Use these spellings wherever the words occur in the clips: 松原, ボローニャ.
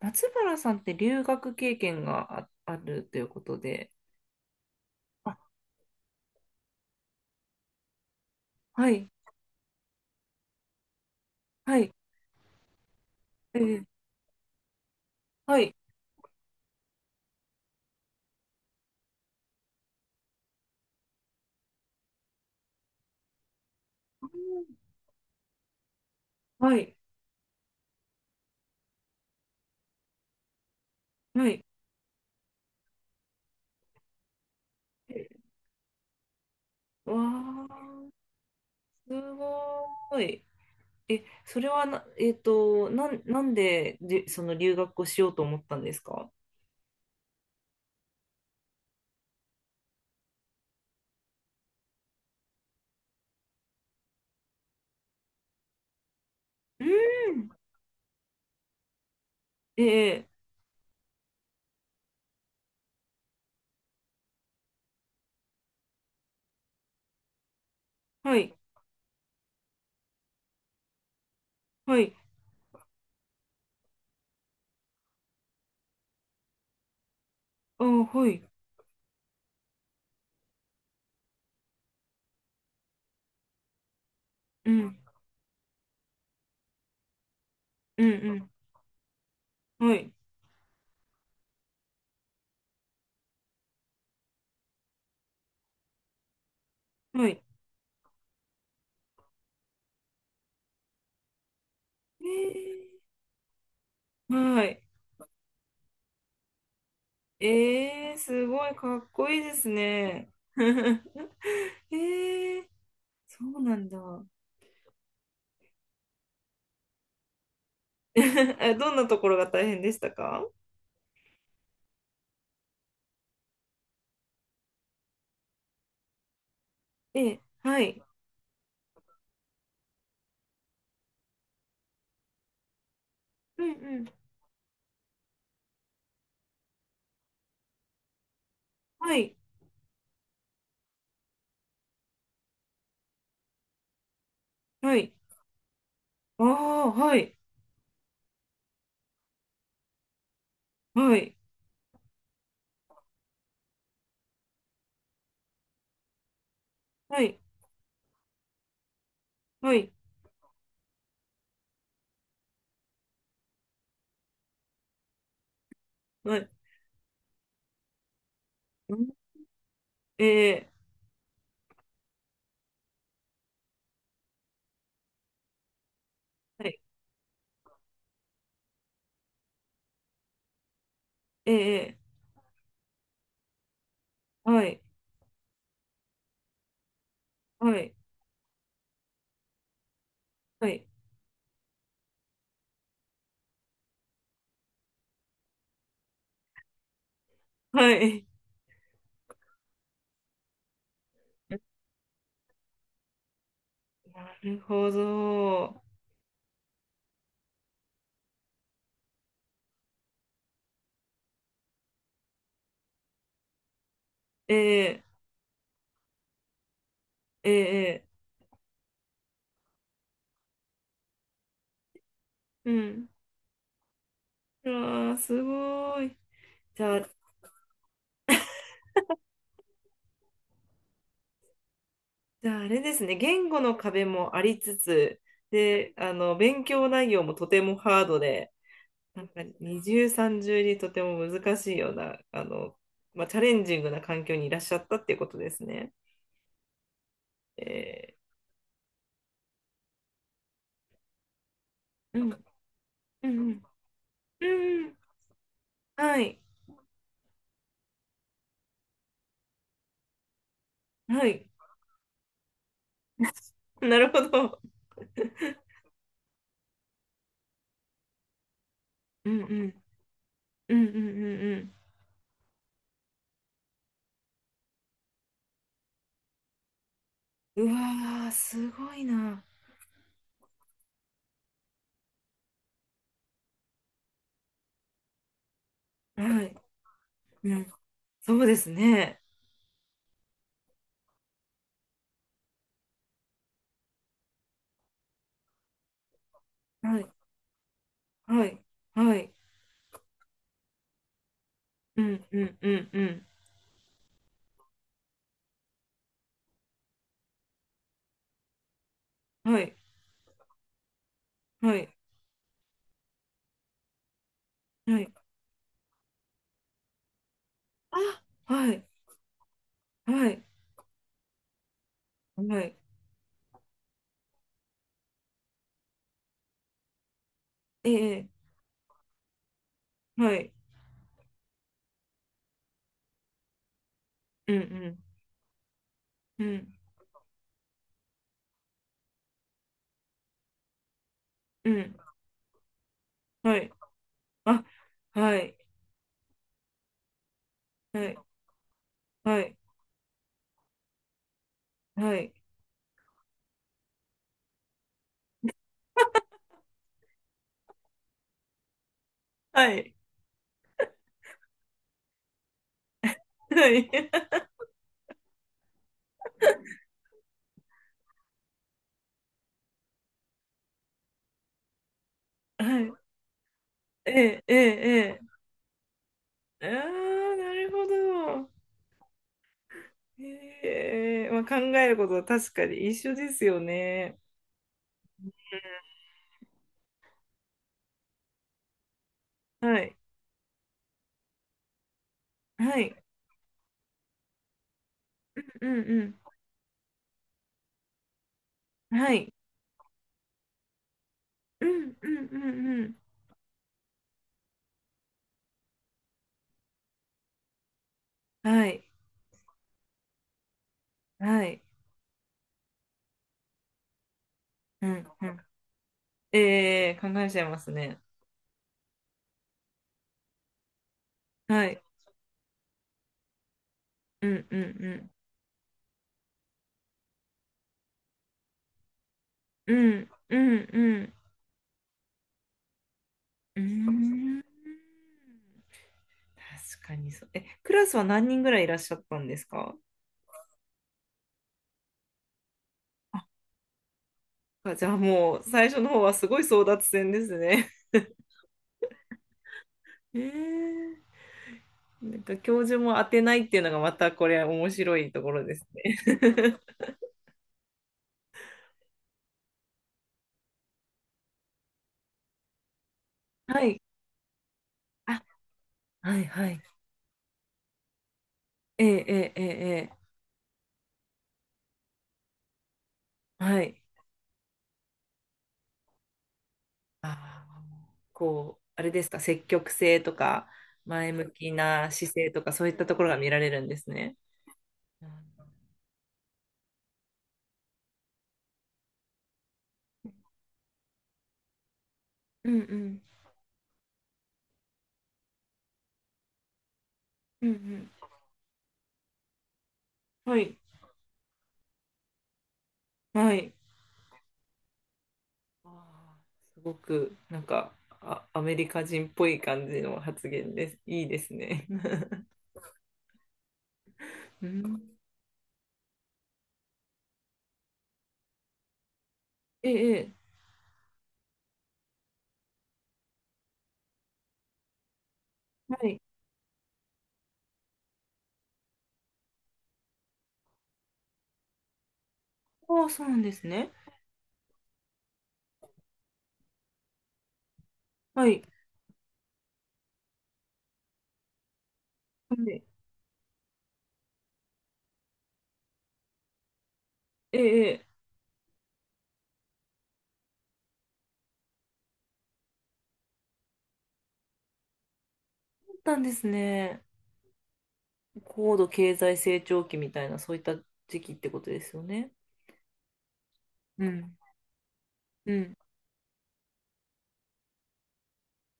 松原さんって留学経験があるということで。あ、はい、はい、えー、はい、はい、はい。えわー、すごい。それはな、えっと、なん、なんでその留学をしようと思ったんですか？うーん。ええ、はい、はい、あー、はい、うん、うん、うん、はい、はい。えはい。すごいかっこいいですね。えー、そうなんだ。どんなところが大変でしたか？ええ、はい。うんうん。はい、はい。ああ、はい、はい、はい、はい、はい。うん、ええ、はい、ええ、はい、はい、はい、はい。なるほど。ええ、ええ、うん。ああ、すごい。じゃあ、じゃあ、あれですね、言語の壁もありつつ、で、勉強内容もとてもハードで、なんか二重三重にとても難しいような、まあ、チャレンジングな環境にいらっしゃったっていうことですね。えうん、うん、うん、うん、はい、はい。なるほど。うん、うん、うん、うん、うんうん。うわー、すごいな。はい、うん、そうですね。はい、はい、はい。うん、うん、うん、うん。はい。はいはい。あ、はい、はい、はい。ええ、はい。うん、うん、うん、うん。はい。あ、はい、はい、はい、はい、はい、はい。はい。ええ、ええ、ええ。ああ、なるほど。ええ、まあ、考えることは確かに一緒ですよね。はい、はい、うん、うん、はい、うん、うん、うん、うん。はい、はい、うん、うん。ええ、考えちゃいますね。はい、うん、うん、うん。うんうんうんうーん確かにそう。クラスは何人ぐらいいらっしゃったんですか？あ、じゃあもう最初の方はすごい争奪戦ですね。えー、なんか教授も当てないっていうのがまたこれ面白いところですね。はい。あ、はいはい。ええええええ、はい。あー、こう、あれですか、積極性とか前向きな姿勢とかそういったところが見られるんですね。うんうんうんうんうん。はい。はい。あーすごく、なんか、あ、アメリカ人っぽい感じの発言です。いいですね。うん。ええ、ええ、はい。ああ、そうなんですね。はい。はい、ええ、ええ、そうったんですね。高度経済成長期みたいな、そういった時期ってことですよね。うん。うん。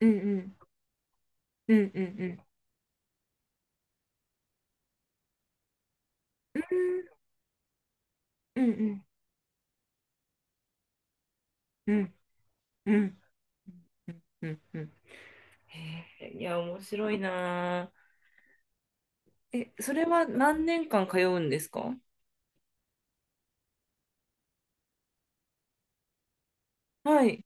うん。うん。うん。うん。うん。うん。うん。うん。うん。うん。うん。うん。へえ、いや、面白いなあ。それは何年間通うんですか？はい。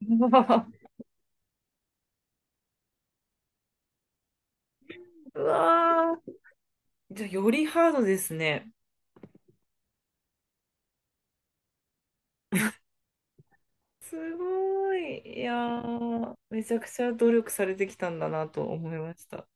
うわー。じゃあ、よりハードですね。すごい。いやー、めちゃくちゃ努力されてきたんだなと思いました。